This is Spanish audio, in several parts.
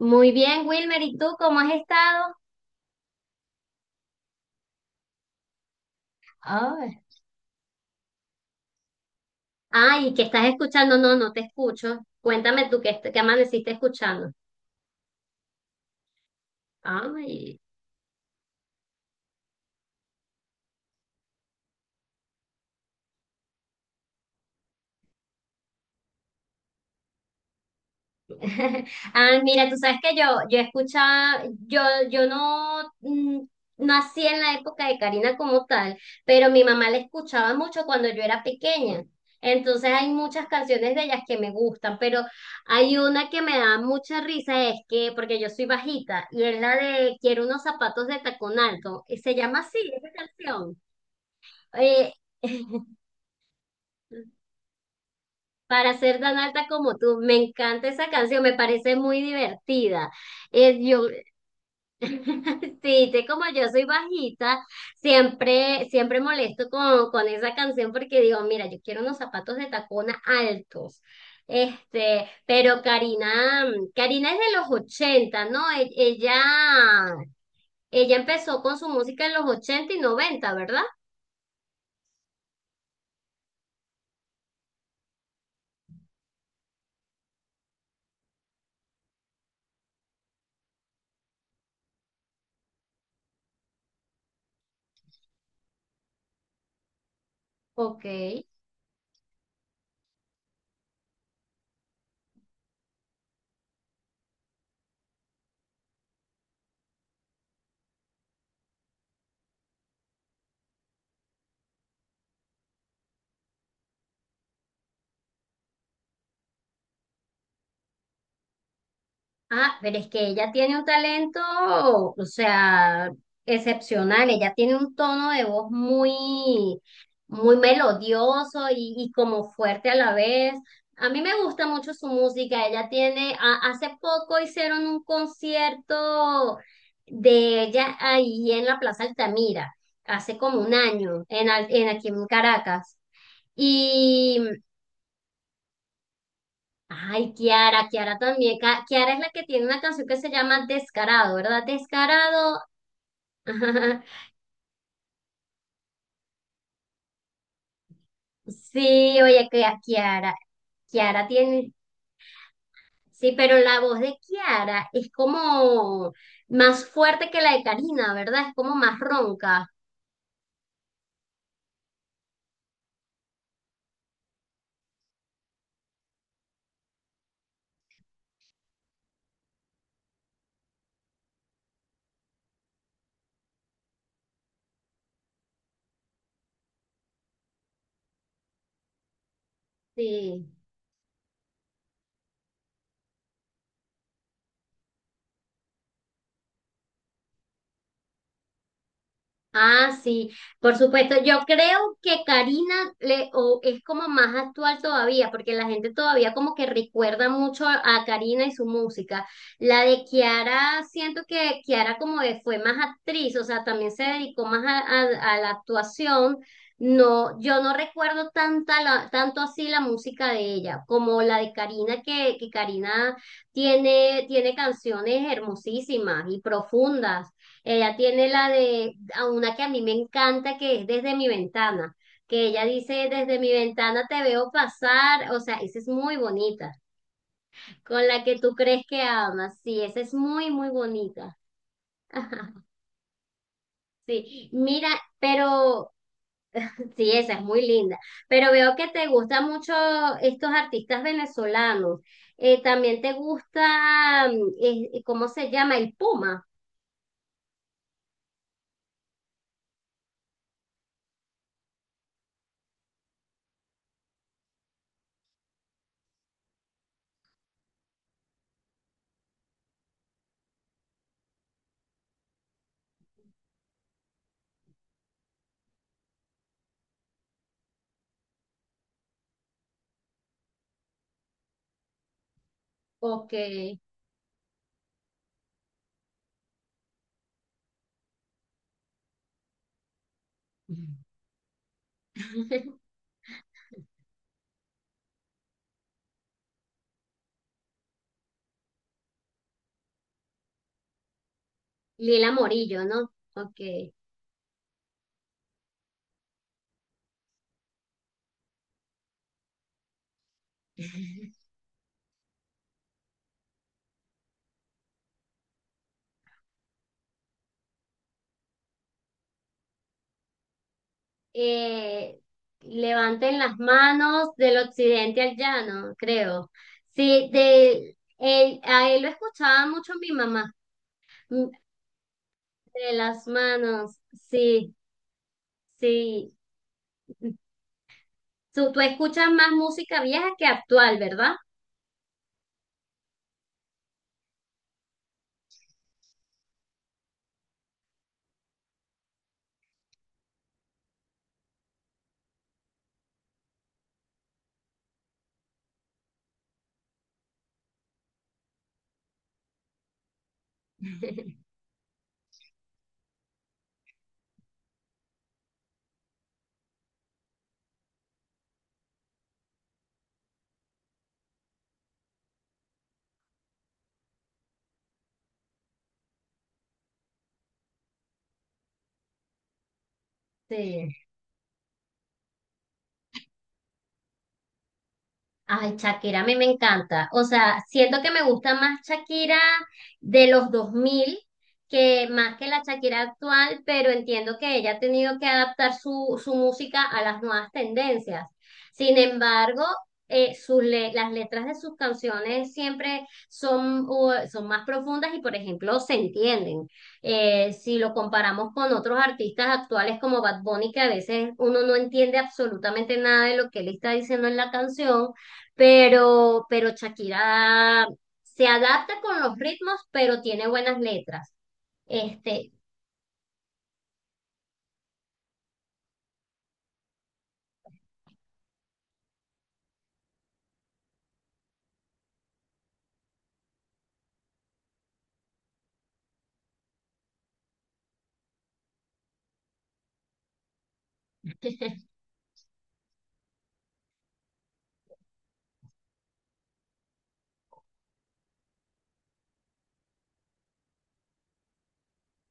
Muy bien, Wilmer, ¿y tú cómo has estado? Ay, ay, ¿qué estás escuchando? No, no te escucho. Cuéntame tú qué, qué amaneciste escuchando. Ay. Ah, mira, tú sabes que yo escuchaba, yo no no nací en la época de Karina como tal, pero mi mamá la escuchaba mucho cuando yo era pequeña. Entonces hay muchas canciones de ellas que me gustan, pero hay una que me da mucha risa, es que, porque yo soy bajita, y es la de Quiero unos zapatos de tacón alto. Y se llama así, esa canción. Eh, Para ser tan alta como tú, me encanta esa canción, me parece muy divertida. Yo Sí, te como yo soy bajita, siempre molesto con esa canción porque digo, mira, yo quiero unos zapatos de tacona altos. Este, pero Karina, Karina es de los 80, ¿no? Ella, ella empezó con su música en los 80 y 90, ¿verdad? Ok. Ah, pero es que ella tiene un talento, o sea, excepcional. Ella tiene un tono de voz muy, muy melodioso y como fuerte a la vez. A mí me gusta mucho su música. Ella tiene, hace poco hicieron un concierto de ella ahí en la Plaza Altamira, hace como un año, en, en aquí en Caracas. Ay, Kiara, Kiara también. Kiara es la que tiene una canción que se llama Descarado, ¿verdad? Descarado. Sí, oye, que a Kiara. Kiara tiene. Sí, pero la voz de Kiara es como más fuerte que la de Karina, ¿verdad? Es como más ronca. Sí. Ah, sí, por supuesto. Yo creo que Karina le, o es como más actual todavía, porque la gente todavía como que recuerda mucho a Karina y su música. La de Kiara, siento que Kiara como que fue más actriz, o sea, también se dedicó más a, a la actuación. No, yo no recuerdo tanta tanto así la música de ella, como la de Karina, que Karina tiene, tiene canciones hermosísimas y profundas. Ella tiene la de a una que a mí me encanta, que es desde mi ventana, que ella dice, desde mi ventana te veo pasar, o sea, esa es muy bonita, con la que tú crees que amas, sí, esa es muy, muy bonita. Sí, mira, pero sí, esa es muy linda, pero veo que te gustan mucho estos artistas venezolanos. También te gusta, ¿cómo se llama? El Puma, ok. Lila Morillo, ¿no? Ok. eh, levanten las manos del occidente al llano, creo. Sí, de él, a él lo escuchaba mucho mi mamá, mm, de las manos, sí, sí. Tú escuchas más música vieja que actual, ¿verdad? Sí. Ay, Shakira, a mí me encanta. O sea, siento que me gusta más Shakira de los 2000 que más que la Shakira actual, pero entiendo que ella ha tenido que adaptar su, su música a las nuevas tendencias. Sin embargo, las letras de sus canciones siempre son, son más profundas y, por ejemplo, se entienden. Si lo comparamos con otros artistas actuales como Bad Bunny, que a veces uno no entiende absolutamente nada de lo que él está diciendo en la canción pero Shakira se adapta con los ritmos, pero tiene buenas letras. Este,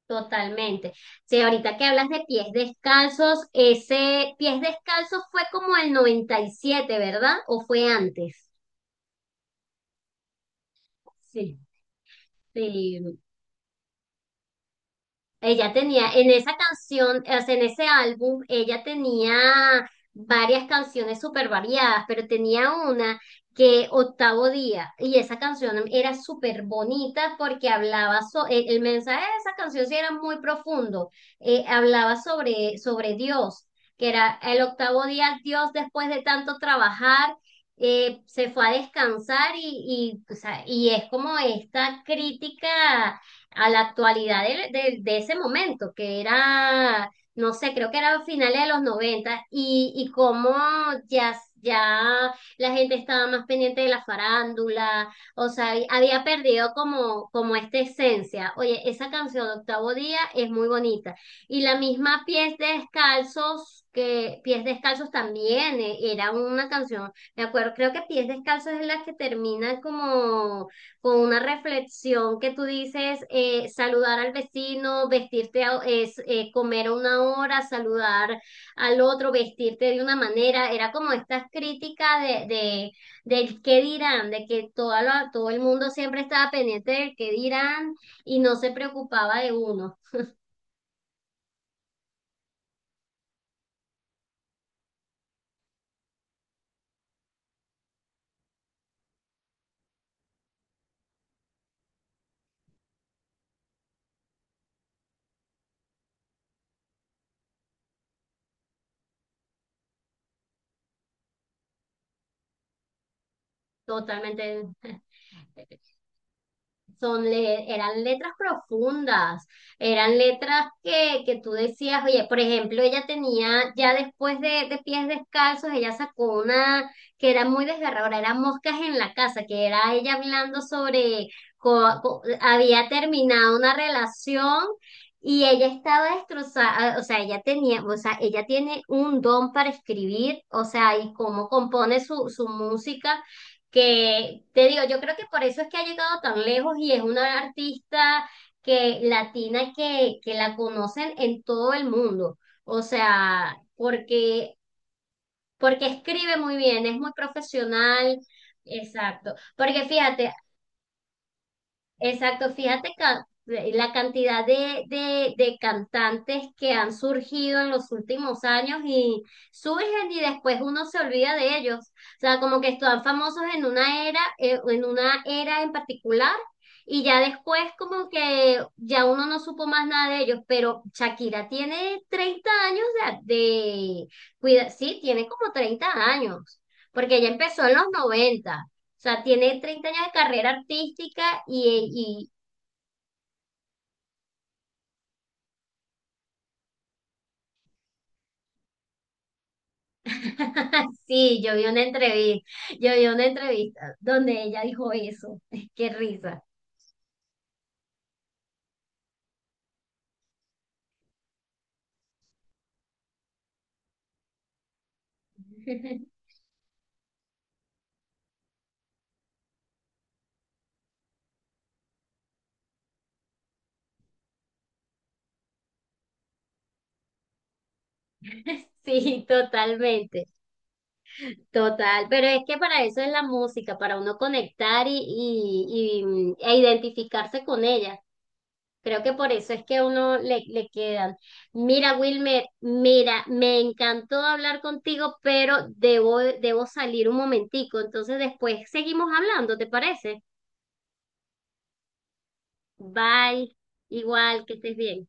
totalmente. Sí, ahorita que hablas de pies descalzos, ese pies descalzos fue como el 97, ¿verdad? ¿O fue antes? Sí, sí. Ella tenía, en esa canción, o sea, en ese álbum, ella tenía varias canciones súper variadas, pero tenía una que Octavo Día, y esa canción era súper bonita porque hablaba, el mensaje de esa canción sí era muy profundo, hablaba sobre, sobre Dios, que era el octavo día, Dios después de tanto trabajar, se fue a descansar y, o sea, y es como esta crítica a la actualidad de, de ese momento, que era, no sé, creo que era finales de los 90 y cómo ya, ya la gente estaba más pendiente de la farándula, o sea, había perdido como, como esta esencia. Oye, esa canción de Octavo Día es muy bonita. Y la misma Pies Descalzos, que Pies Descalzos también era una canción, me acuerdo, creo que Pies Descalzos es la que termina como con una reflexión que tú dices, saludar al vecino, vestirte, comer a una hora, saludar al otro, vestirte de una manera, era como esta crítica de, del qué dirán, de que toda todo el mundo siempre estaba pendiente del qué dirán y no se preocupaba de uno. Totalmente. Eran letras profundas, eran letras que tú decías, oye, por ejemplo, ella tenía, ya después de Pies Descalzos, ella sacó una que era muy desgarradora, era Moscas en la Casa, que era ella hablando sobre, había terminado una relación y ella estaba destrozada, ah, o sea, ella tenía, o sea, ella tiene un don para escribir, o sea, y cómo compone su, su música que te digo, yo creo que por eso es que ha llegado tan lejos y es una artista que latina que la conocen en todo el mundo. O sea, porque, porque escribe muy bien, es muy profesional. Exacto. Porque fíjate, exacto, fíjate la cantidad de cantantes que han surgido en los últimos años y surgen y después uno se olvida de ellos. O sea, como que están famosos en una era, en una era en particular y ya después como que ya uno no supo más nada de ellos, pero Shakira tiene 30 años de, sí, tiene como 30 años, porque ella empezó en los 90. O sea, tiene 30 años de carrera artística sí, yo vi una entrevista, yo vi una entrevista donde ella dijo eso. Qué risa. Sí, totalmente, total. Pero es que para eso es la música, para uno conectar y e identificarse con ella. Creo que por eso es que a uno le, le quedan. Mira, Wilmer, mira, me encantó hablar contigo, pero debo, debo salir un momentico. Entonces después seguimos hablando, ¿te parece? Bye, igual, que estés bien.